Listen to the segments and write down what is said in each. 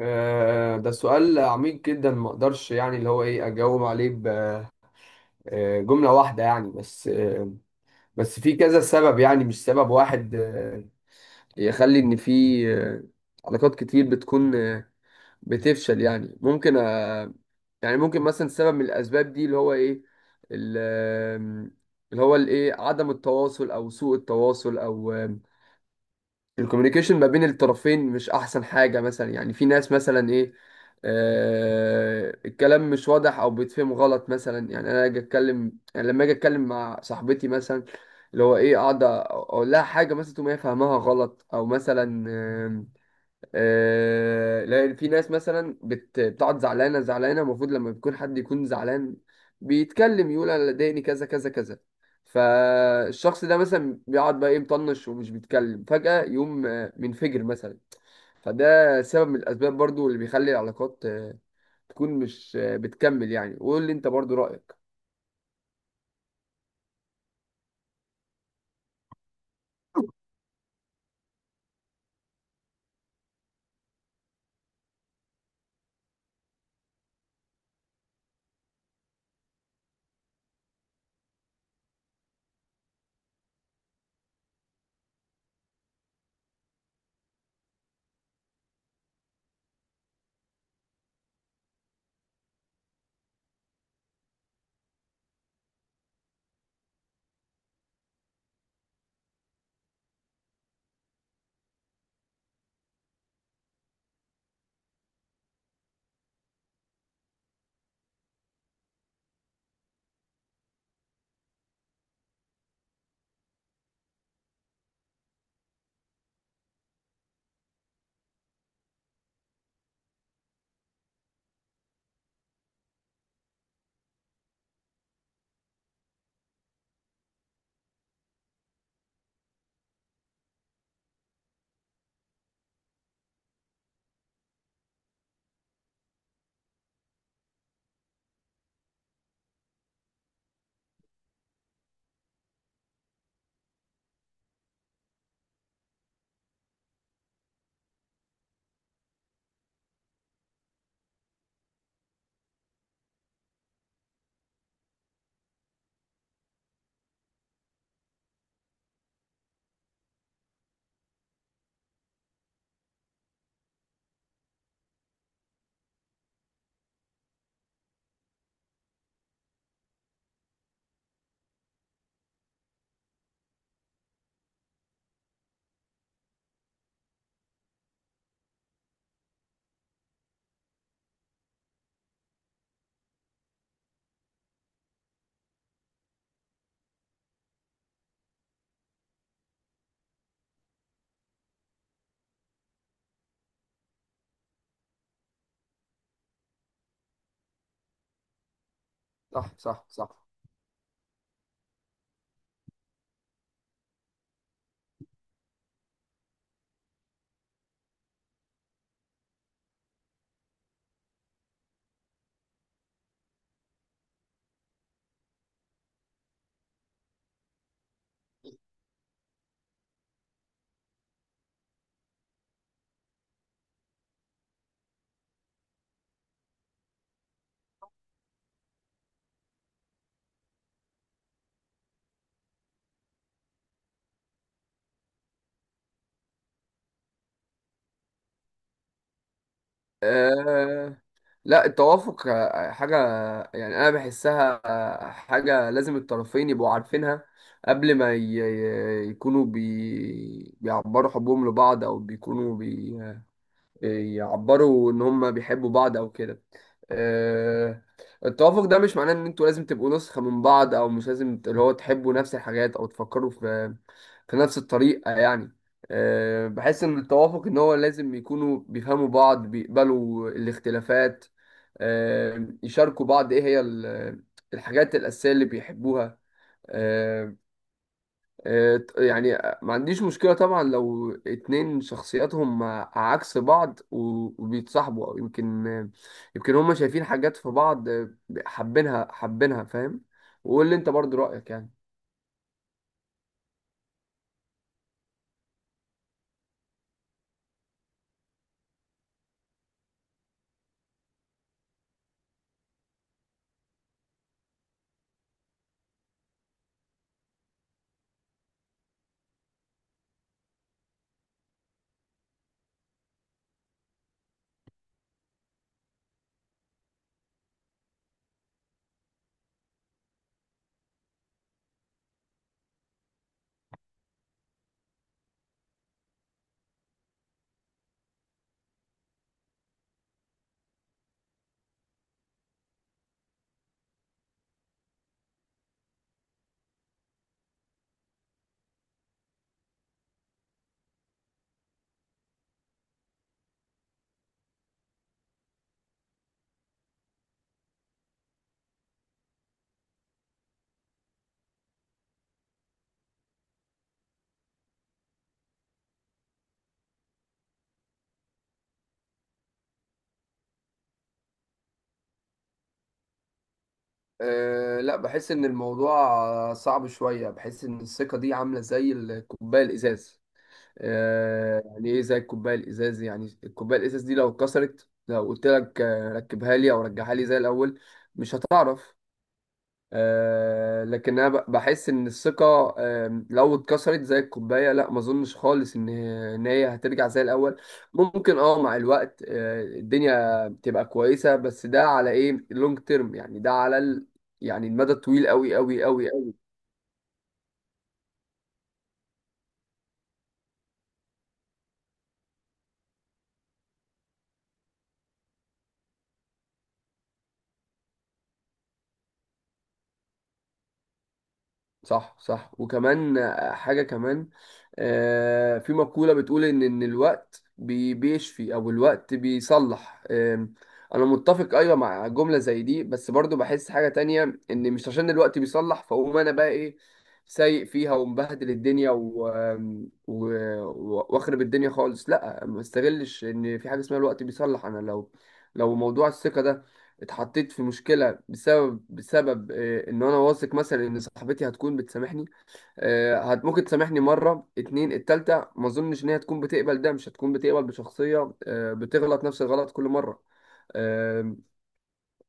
ده سؤال عميق جدا ما اقدرش يعني اللي هو ايه اجاوب عليه بجملة واحدة يعني بس في كذا سبب يعني مش سبب واحد، يخلي ان في آه، علاقات كتير بتكون بتفشل يعني ممكن، ممكن مثلا سبب من الاسباب دي اللي هو ايه ال- آه، اللي هو الايه عدم التواصل او سوء التواصل او الكوميونيكيشن ما بين الطرفين مش احسن حاجة. مثلا يعني في ناس مثلا ايه آه الكلام مش واضح او بيتفهم غلط. مثلا يعني انا اجي اتكلم يعني لما اجي اتكلم مع صاحبتي مثلا، اللي هو ايه قاعدة اقول لها حاجة مثلا تقوم هي فاهمها غلط، او مثلا آم، آه، لا، في ناس مثلا بتقعد زعلانه زعلانه. المفروض لما بيكون حد يكون زعلان بيتكلم يقول انا ضايقني كذا كذا كذا، فالشخص ده مثلا بيقعد بقى ايه مطنش ومش بيتكلم، فجأة يقوم منفجر مثلا. فده سبب من الاسباب برضو اللي بيخلي العلاقات تكون مش بتكمل يعني. وقول لي انت برضو رأيك. صح صح صح. آه، لا، التوافق حاجة يعني أنا بحسها حاجة لازم الطرفين يبقوا عارفينها قبل ما يكونوا بيعبروا حبهم لبعض، أو بيكونوا يعبروا ان هم بيحبوا بعض او كده. آه، التوافق ده مش معناه ان انتوا لازم تبقوا نسخة من بعض، او مش لازم ت- اللي هو تحبوا نفس الحاجات او تفكروا في في نفس الطريقة يعني. بحس ان التوافق ان هو لازم يكونوا بيفهموا بعض، بيقبلوا الاختلافات، يشاركوا بعض ايه هي الحاجات الأساسية اللي بيحبوها. آه، آه، يعني ما عنديش مشكلة طبعا لو اتنين شخصياتهم عكس بعض وبيتصاحبوا، أو يمكن هما شايفين حاجات في بعض حابينها حابينها. فاهم؟ وقول لي انت برضو رأيك يعني. أه لا، بحس ان الموضوع صعب شوية. بحس ان الثقة دي عاملة زي الكوباية الازاز، يعني ايه زي الكوباية الإزاز، يعني الكوباية الإزاز دي لو اتكسرت، لو قلت لك ركبها لي أو رجعها لي زي الأول، مش هتعرف. آه لكن انا بحس ان الثقه آه لو اتكسرت زي الكوبايه، لا ما اظنش خالص ان هي هترجع زي الاول. ممكن اه مع الوقت آه الدنيا تبقى كويسه، بس ده على ايه، لونج تيرم يعني، ده على ال يعني المدى الطويل قوي قوي قوي. صح صح. وكمان حاجة كمان، في مقولة بتقول إن الوقت بيشفي أو الوقت بيصلح. أنا متفق أيوة مع جملة زي دي، بس برضو بحس حاجة تانية، إن مش عشان الوقت بيصلح فأقوم أنا بقى إيه سايق فيها ومبهدل الدنيا و... آم، و... و- وأخرب الدنيا خالص. لأ، ما استغلش إن في حاجة اسمها الوقت بيصلح. أنا لو لو موضوع الثقة ده اتحطيت في مشكلة بسبب ان انا واثق مثلا ان صاحبتي هتكون بتسامحني، آه، هت ممكن تسامحني مرة اتنين. التالتة ما اظنش ان هي تكون بتقبل ده، مش هتكون بتقبل بشخصية بتغلط نفس الغلط كل مرة. آه،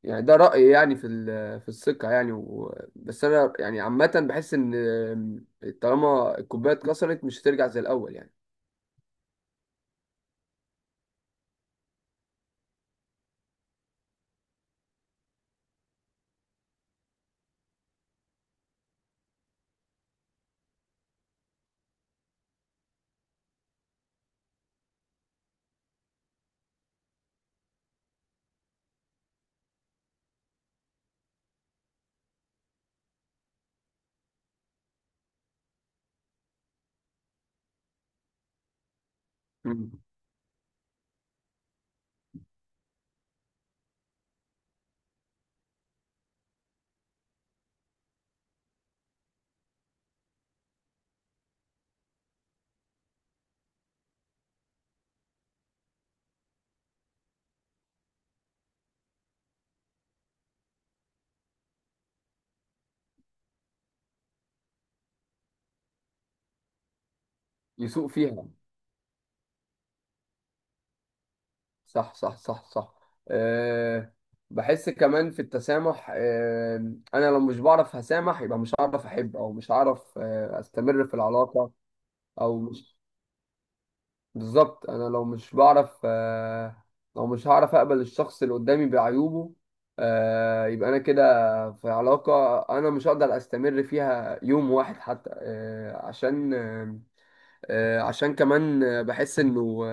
يعني ده رأيي يعني في في الثقة يعني. بس انا يعني عامة بحس ان طالما الكوباية اتكسرت مش هترجع زي الاول يعني. مم. يسوق فيها. صح صح صح صح. أه بحس كمان في التسامح، أه انا لو مش بعرف هسامح يبقى مش هعرف احب، او مش هعرف أه استمر في العلاقة. او مش بالظبط، انا لو مش بعرف أه لو مش هعرف اقبل الشخص اللي قدامي بعيوبه، أه يبقى انا كده في علاقة انا مش هقدر استمر فيها يوم واحد حتى. أه عشان أه عشان كمان بحس انه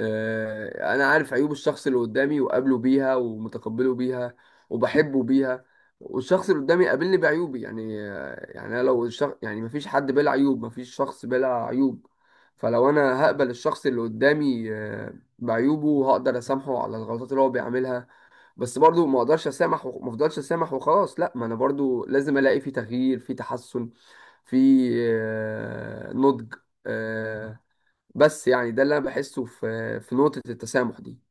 انا عارف عيوب الشخص اللي قدامي وقابله بيها ومتقبله بيها وبحبه بيها، والشخص اللي قدامي قابلني بعيوبي يعني. أنا لو الشخص يعني، مفيش حد بلا عيوب، مفيش شخص بلا عيوب، فلو انا هقبل الشخص اللي قدامي بعيوبه هقدر اسامحه على الغلطات اللي هو بيعملها. بس برضو ما اقدرش اسامح وما افضلش اسامح وخلاص، لا، ما انا برضو لازم الاقي في تغيير، في تحسن، في نضج. آه، بس يعني ده اللي انا بحسه في في نقطة التسامح دي.